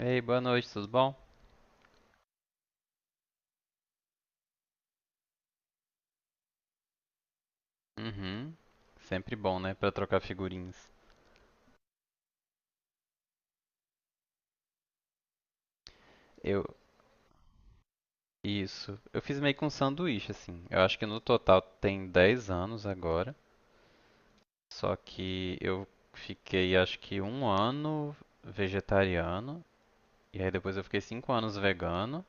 Ei, boa noite, tudo bom? Uhum. Sempre bom, né, pra trocar figurinhas. Eu, isso. Eu fiz meio que um sanduíche assim. Eu acho que no total tem 10 anos agora, só que eu fiquei acho que 1 ano vegetariano e aí depois eu fiquei 5 anos vegano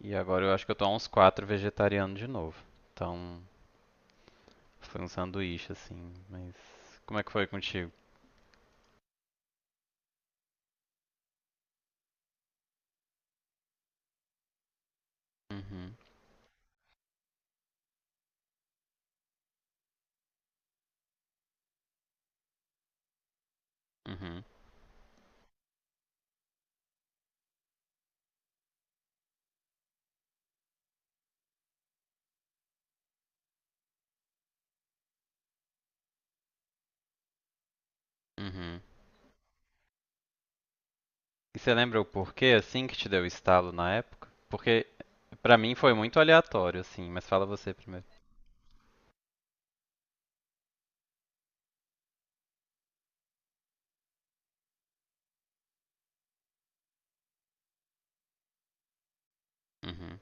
e agora eu acho que eu tô há uns 4 vegetariano de novo. Então, foi um sanduíche assim, mas como é que foi contigo? Uhum. Uhum. Uhum. E você lembra o porquê, assim, que te deu o estalo na época? Porque pra mim foi muito aleatório, assim, mas fala você primeiro. Uhum,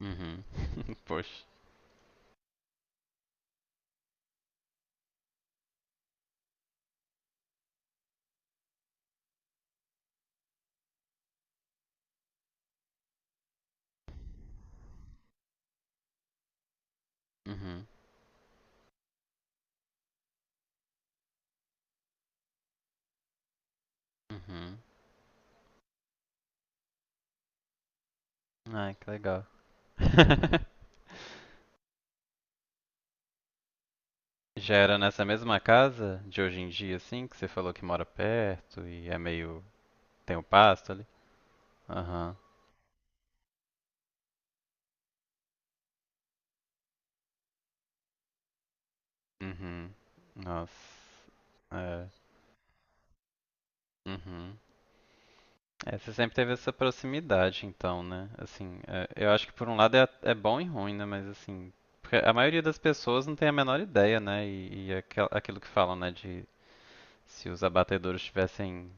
uhum, poxa. Uhum, uhum. Ai, que legal. Já era nessa mesma casa de hoje em dia, assim, que você falou que mora perto e é meio. Tem o pasto ali? Aham, uhum. Nossa, é, uhum. É, você sempre teve essa proximidade, então, né? Assim, eu acho que por um lado é bom e ruim, né? Mas assim, porque a maioria das pessoas não tem a menor ideia, né? E aquilo que falam, né? De se os abatedouros tivessem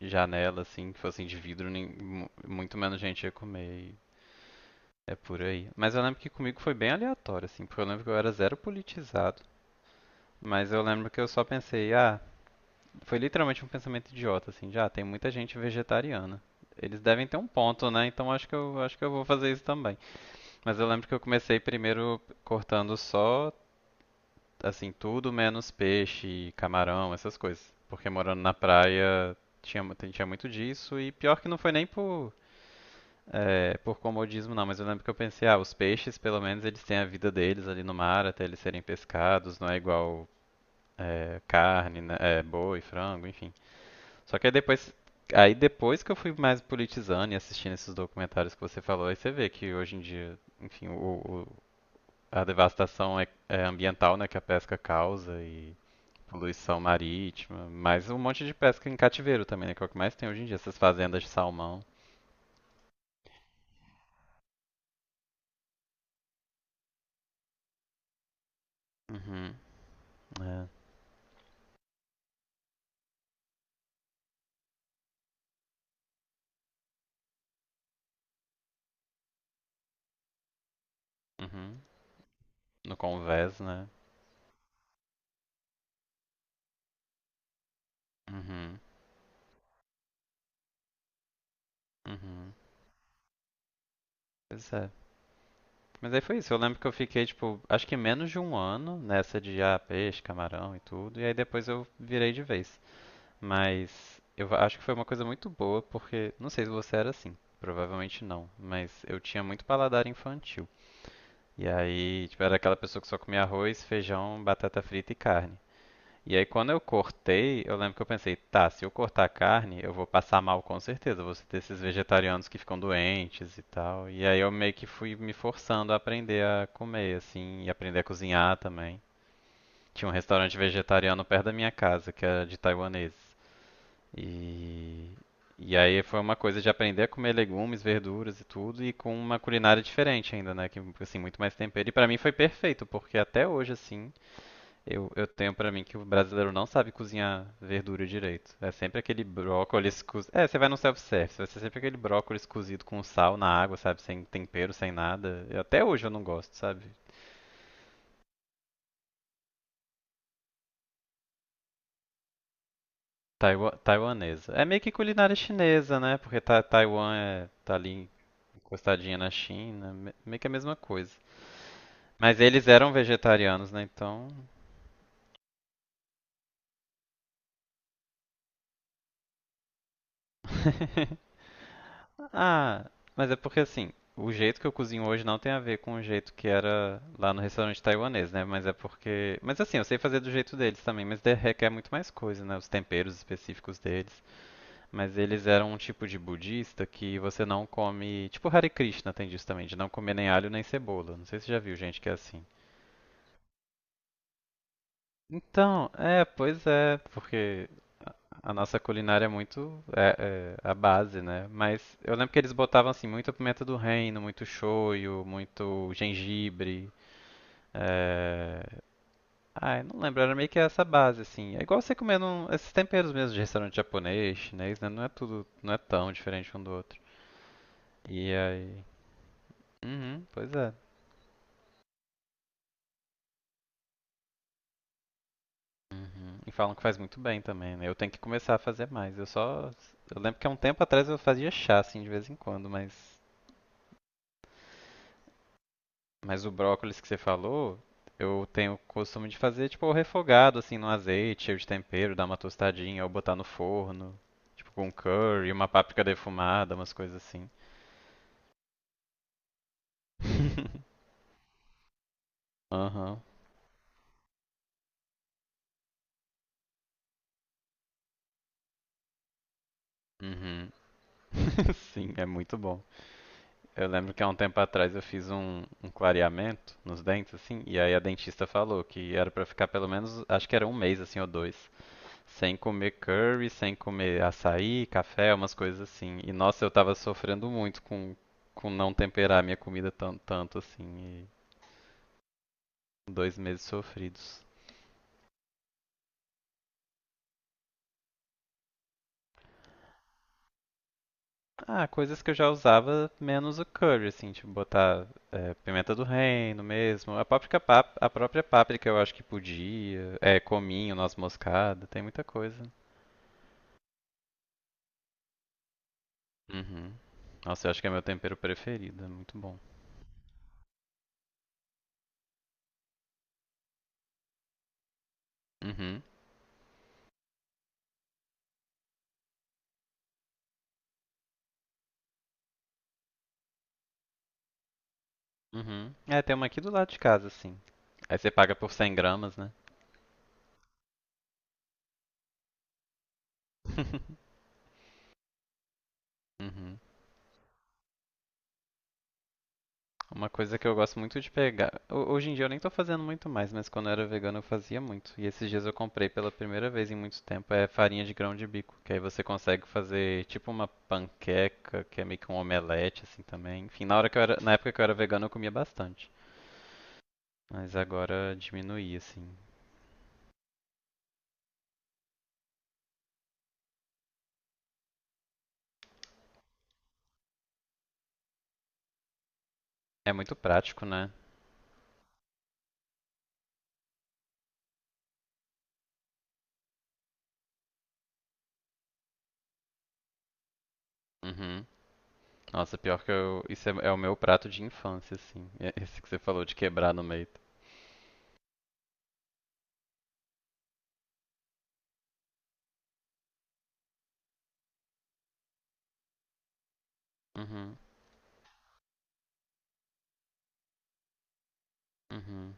janela, assim, que fossem de vidro, muito menos gente ia comer. E é por aí. Mas eu lembro que comigo foi bem aleatório, assim, porque eu lembro que eu era zero politizado. Mas eu lembro que eu só pensei, ah, foi literalmente um pensamento idiota, assim, já ah, tem muita gente vegetariana. Eles devem ter um ponto, né? Então acho que eu vou fazer isso também. Mas eu lembro que eu comecei primeiro cortando só assim tudo menos peixe, camarão, essas coisas, porque morando na praia tinha muito disso e pior que não foi nem por por comodismo não, mas eu lembro que eu pensei, ah, os peixes pelo menos eles têm a vida deles ali no mar até eles serem pescados, não é igual carne, né? É, boi, frango, enfim. Só que aí depois que eu fui mais politizando e assistindo esses documentários que você falou, aí você vê que hoje em dia, enfim, a devastação é ambiental, né, que a pesca causa e poluição marítima, mas um monte de pesca em cativeiro também, né, que é o que mais tem hoje em dia, essas fazendas de salmão. Uhum, é, uhum. No convés, né? Uhum, uhum. Pois é. Mas aí foi isso. Eu lembro que eu fiquei, tipo, acho que menos de um ano nessa de ah, peixe, camarão e tudo. E aí depois eu virei de vez. Mas acho que foi uma coisa muito boa, porque não sei se você era assim, provavelmente não, mas eu tinha muito paladar infantil. E aí, tipo, era aquela pessoa que só comia arroz, feijão, batata frita e carne. E aí, quando eu cortei, eu lembro que eu pensei, tá, se eu cortar a carne, eu vou passar mal com certeza, eu vou ter esses vegetarianos que ficam doentes e tal. E aí, eu meio que fui me forçando a aprender a comer, assim, e aprender a cozinhar também. Tinha um restaurante vegetariano perto da minha casa, que era de taiwaneses. E, e aí foi uma coisa de aprender a comer legumes, verduras e tudo, e com uma culinária diferente ainda, né? Que, assim, muito mais tempero. E pra mim foi perfeito, porque até hoje, assim, eu tenho pra mim que o brasileiro não sabe cozinhar verdura direito. É sempre aquele brócolis cozido. É, você vai no self-service, vai ser sempre aquele brócolis cozido com sal na água, sabe? Sem tempero, sem nada. Até hoje eu não gosto, sabe? Taiwanesa. É meio que culinária chinesa, né? Porque ta Taiwan tá ali costadinha na China, meio que a mesma coisa. Mas eles eram vegetarianos, né? Então. Ah, mas é porque assim, o jeito que eu cozinho hoje não tem a ver com o jeito que era lá no restaurante taiwanês, né? Mas é porque. Mas assim, eu sei fazer do jeito deles também, mas requer muito mais coisa, né? Os temperos específicos deles. Mas eles eram um tipo de budista que você não come. Tipo Hare Krishna tem disso também, de não comer nem alho nem cebola. Não sei se você já viu gente que é assim. Então, pois é, porque a nossa culinária é muito é a base, né? Mas eu lembro que eles botavam assim muita pimenta do reino, muito shoyu, muito gengibre. É... Ai, não lembro, era meio que essa base assim. É igual você comendo esses temperos mesmo de restaurante japonês, chinês, né? Não é tudo, não é tão diferente um do outro. E aí, uhum, pois é. Uhum. E falam que faz muito bem também, né? Eu tenho que começar a fazer mais. Eu lembro que há um tempo atrás eu fazia chá assim de vez em quando, mas o brócolis que você falou, eu tenho o costume de fazer tipo refogado assim no azeite, cheio de tempero, dar uma tostadinha ou botar no forno, tipo com curry, uma páprica defumada, umas coisas assim. Aham. Uhum. Sim, é muito bom. Eu lembro que há um tempo atrás eu fiz um clareamento nos dentes, assim, e aí a dentista falou que era pra ficar pelo menos, acho que era um mês, assim, ou dois. Sem comer curry, sem comer açaí, café, umas coisas assim. E nossa, eu tava sofrendo muito com não temperar minha comida tanto, tanto assim. E dois meses sofridos. Ah, coisas que eu já usava menos o curry, assim, tipo botar pimenta do reino mesmo. A própria páprica eu acho que podia. É, cominho, noz moscada, tem muita coisa. Uhum. Nossa, eu acho que é meu tempero preferido, é muito bom. Uhum. Uhum. É, tem uma aqui do lado de casa, assim. Aí você paga por 100 gramas, né? Uhum. Uma coisa que eu gosto muito de pegar. Hoje em dia eu nem tô fazendo muito mais, mas quando eu era vegano eu fazia muito. E esses dias eu comprei pela primeira vez em muito tempo é farinha de grão de bico, que aí você consegue fazer tipo uma panqueca, que é meio que um omelete assim também. Enfim, na época que eu era vegano eu comia bastante, mas agora diminuí assim. É muito prático, né? Uhum. Nossa, pior que eu. Isso é o meu prato de infância, assim. É esse que você falou de quebrar no meio. Uhum, uhum.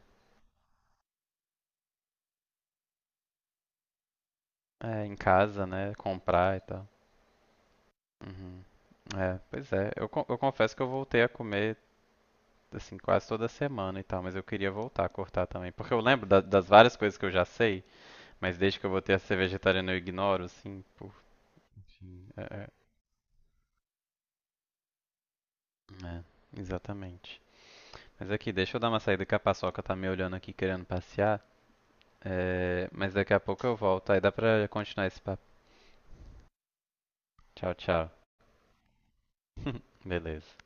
É, em casa, né? Comprar e tal. Uhum. É, pois é. Eu confesso que eu voltei a comer, assim, quase toda semana e tal, mas eu queria voltar a cortar também. Porque eu lembro das várias coisas que eu já sei, mas desde que eu voltei a ser vegetariano eu ignoro, assim, por... É, é, é, exatamente. Mas aqui, deixa eu dar uma saída que a paçoca tá me olhando aqui querendo passear. É, mas daqui a pouco eu volto, aí dá pra continuar esse papo. Tchau, tchau. Beleza.